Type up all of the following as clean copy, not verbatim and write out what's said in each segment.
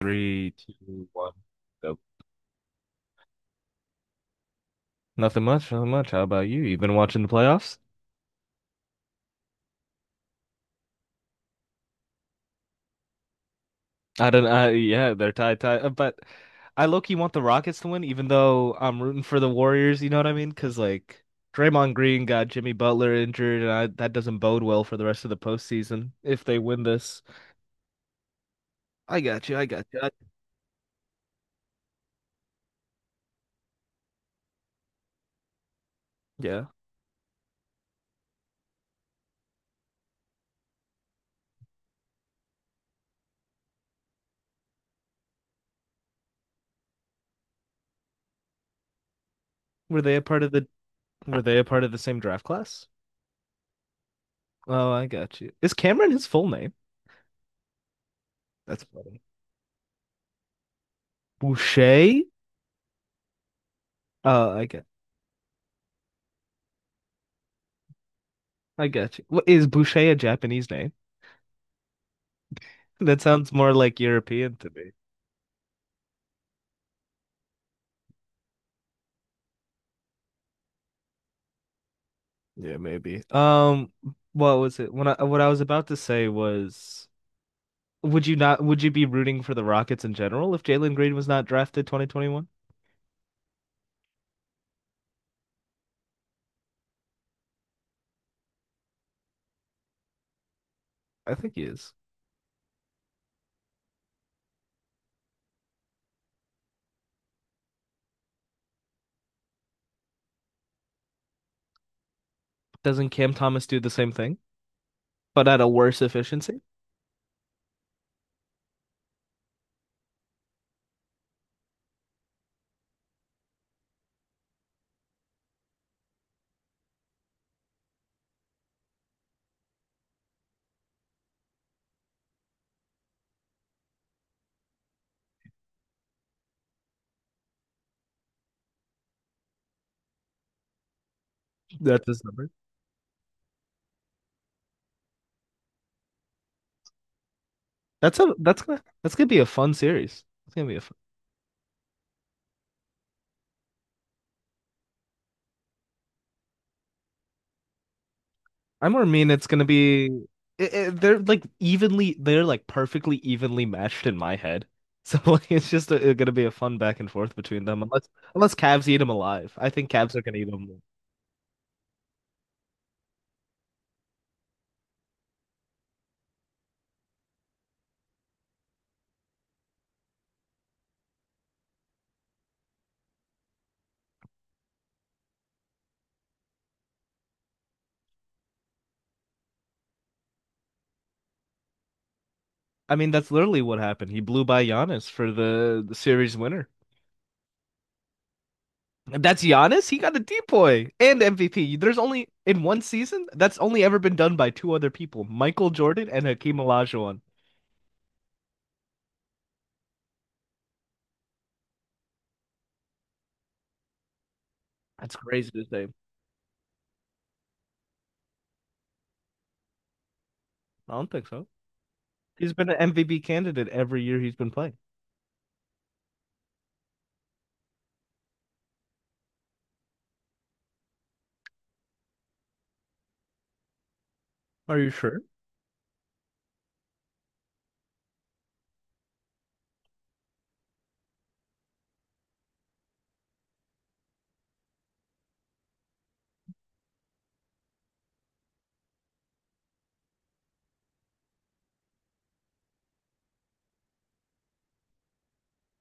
Three, two, one. Nope. Nothing much, nothing much. How about you? You've been watching the playoffs? I don't, yeah, they're tied, but I low-key want the Rockets to win, even though I'm rooting for the Warriors, you know what I mean? Because, like, Draymond Green got Jimmy Butler injured, and that doesn't bode well for the rest of the postseason if they win this. I got you, I got you. Yeah. Were they a part of the, were they a part of the same draft class? Oh, I got you. Is Cameron his full name? That's funny. Boucher? Oh, I got you. What? Is Boucher a Japanese name? That sounds more like European to me. Yeah, maybe. What was it? When I What I was about to say was, would you not would you be rooting for the Rockets in general if Jalen Green was not drafted 2021? I think he is. Doesn't Cam Thomas do the same thing, but at a worse efficiency? That's his number. That's gonna be a fun series. It's gonna be a fun I'm more mean it's gonna be it, it- they're like evenly They're like perfectly evenly matched in my head. So like it's just gonna be a fun back and forth between them unless Cavs eat him alive. I think Cavs are gonna eat him. I mean that's literally what happened. He blew by Giannis for the series winner. That's Giannis. He got a DPOY and MVP. There's only in one season that's only ever been done by two other people, Michael Jordan and Hakeem Olajuwon. That's crazy to say. I don't think so. He's been an MVP candidate every year he's been playing. Are you sure?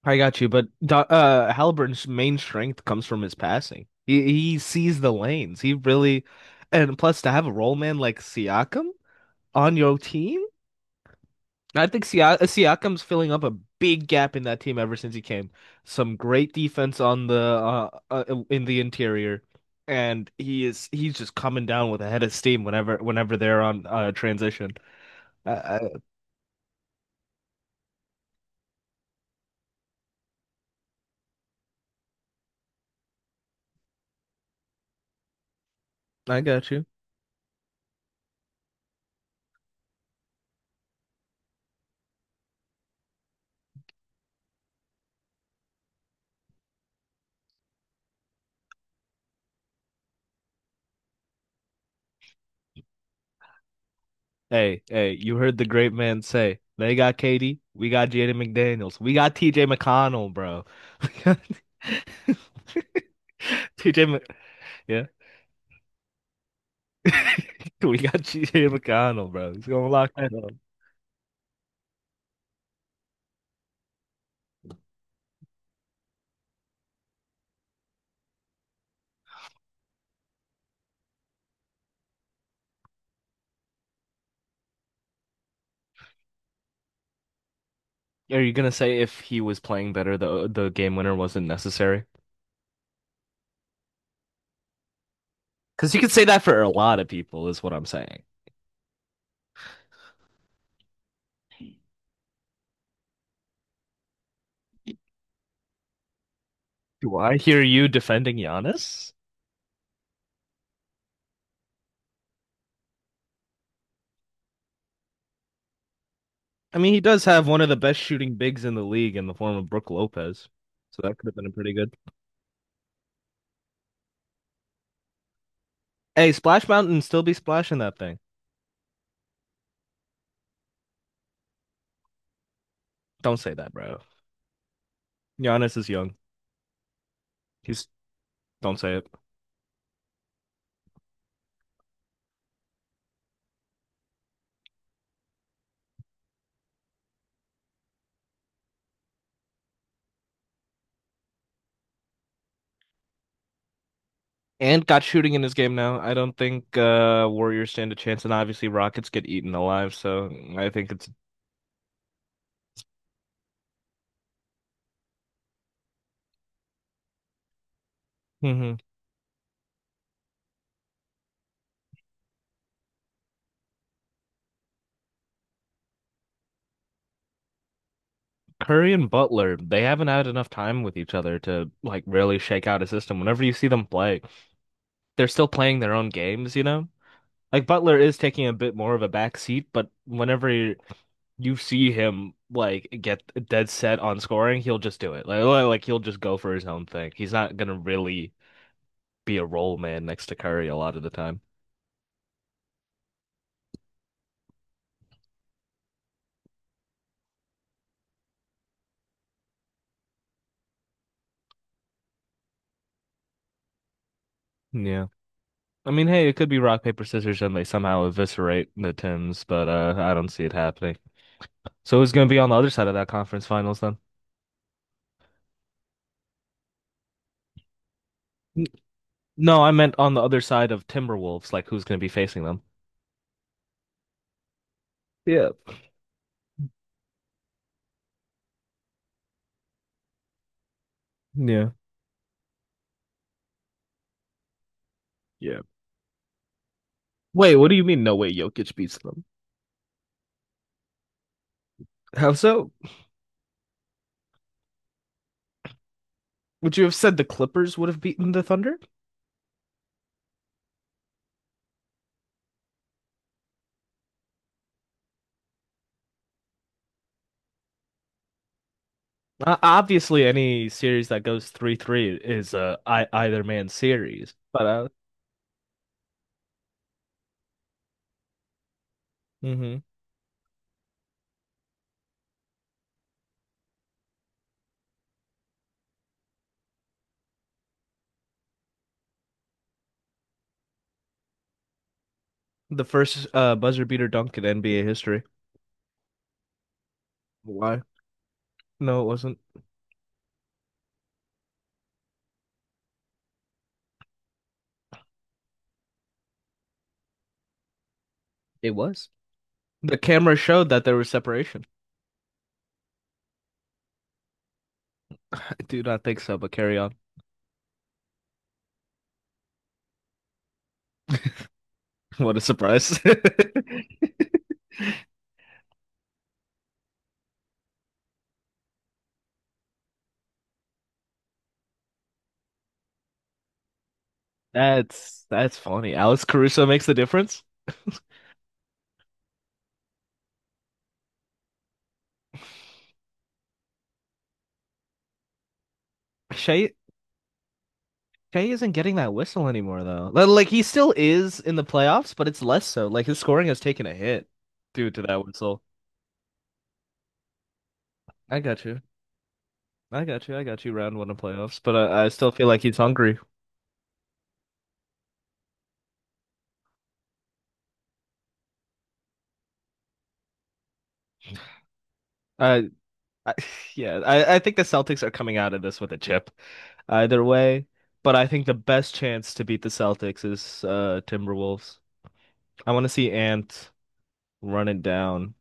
I got you, but Halliburton's main strength comes from his passing. He sees the lanes. And plus, to have a role man like Siakam on your team, I think Siakam's filling up a big gap in that team ever since he came. Some great defense on the in the interior, and he's just coming down with a head of steam whenever they're on transition. I I, I got you. Hey, hey, you heard the great man say, they got KD, we got Jaden McDaniels, we got TJ McConnell, bro. TJ, Mc- yeah, we got TJ McConnell, bro. He's gonna lock that up. Are you gonna say if he was playing better, the game winner wasn't necessary? Because you could say that for a lot of people, is what I'm saying. Do I hear you defending Giannis? I mean, he does have one of the best shooting bigs in the league in the form of Brooke Lopez, so that could have been a pretty good. Hey, Splash Mountain still be splashing that thing. Don't say that, bro. Giannis is young. He's Don't say it. And got shooting in his game now. I don't think Warriors stand a chance, and obviously Rockets get eaten alive. So I think it's. Mhm. Curry and Butler. They haven't had enough time with each other to like really shake out a system. Whenever you see them play, they're still playing their own games, you know? Like Butler is taking a bit more of a back seat, but whenever you see him like get dead set on scoring, he'll just do it. Like he'll just go for his own thing. He's not gonna really be a role man next to Curry a lot of the time. Yeah. I mean, hey, it could be rock, paper, scissors, and they somehow eviscerate the Timbs, but I don't see it happening. So who's gonna be on the other side of that conference finals then? N- No, I meant on the other side of Timberwolves, like who's gonna be facing them. Yeah. Yeah. Yeah. Wait, what do you mean? No way, Jokic beats them. How so? Would you have said the Clippers would have beaten the Thunder? Obviously, any series that goes 3-3 is I either man series. But mhm. The first buzzer beater dunk in NBA history. Why? No, it wasn't. It was. The camera showed that there was separation. I do not think so, but carry on. What a surprise. That's funny. Alex Caruso makes the difference. Shai Shea isn't getting that whistle anymore, though. Like he still is in the playoffs, but it's less so. Like his scoring has taken a hit due to that whistle. I got you. I got you. I got you. Round one of playoffs, but I still feel like he's hungry. I, I yeah, I think the Celtics are coming out of this with a chip, either way. But I think the best chance to beat the Celtics is Timberwolves. I want to see Ant run it down.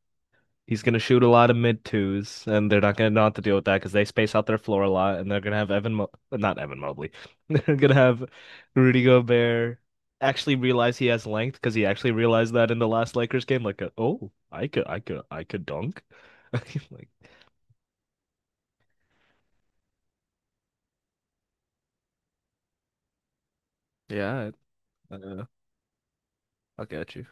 He's going to shoot a lot of mid twos, and they're not going to know how to deal with that because they space out their floor a lot, and they're going to have Evan, Mo not Evan Mobley. They're going to have Rudy Gobert actually realize he has length because he actually realized that in the last Lakers game. Like, oh, I could dunk. Like, yeah, uh, I'll get you.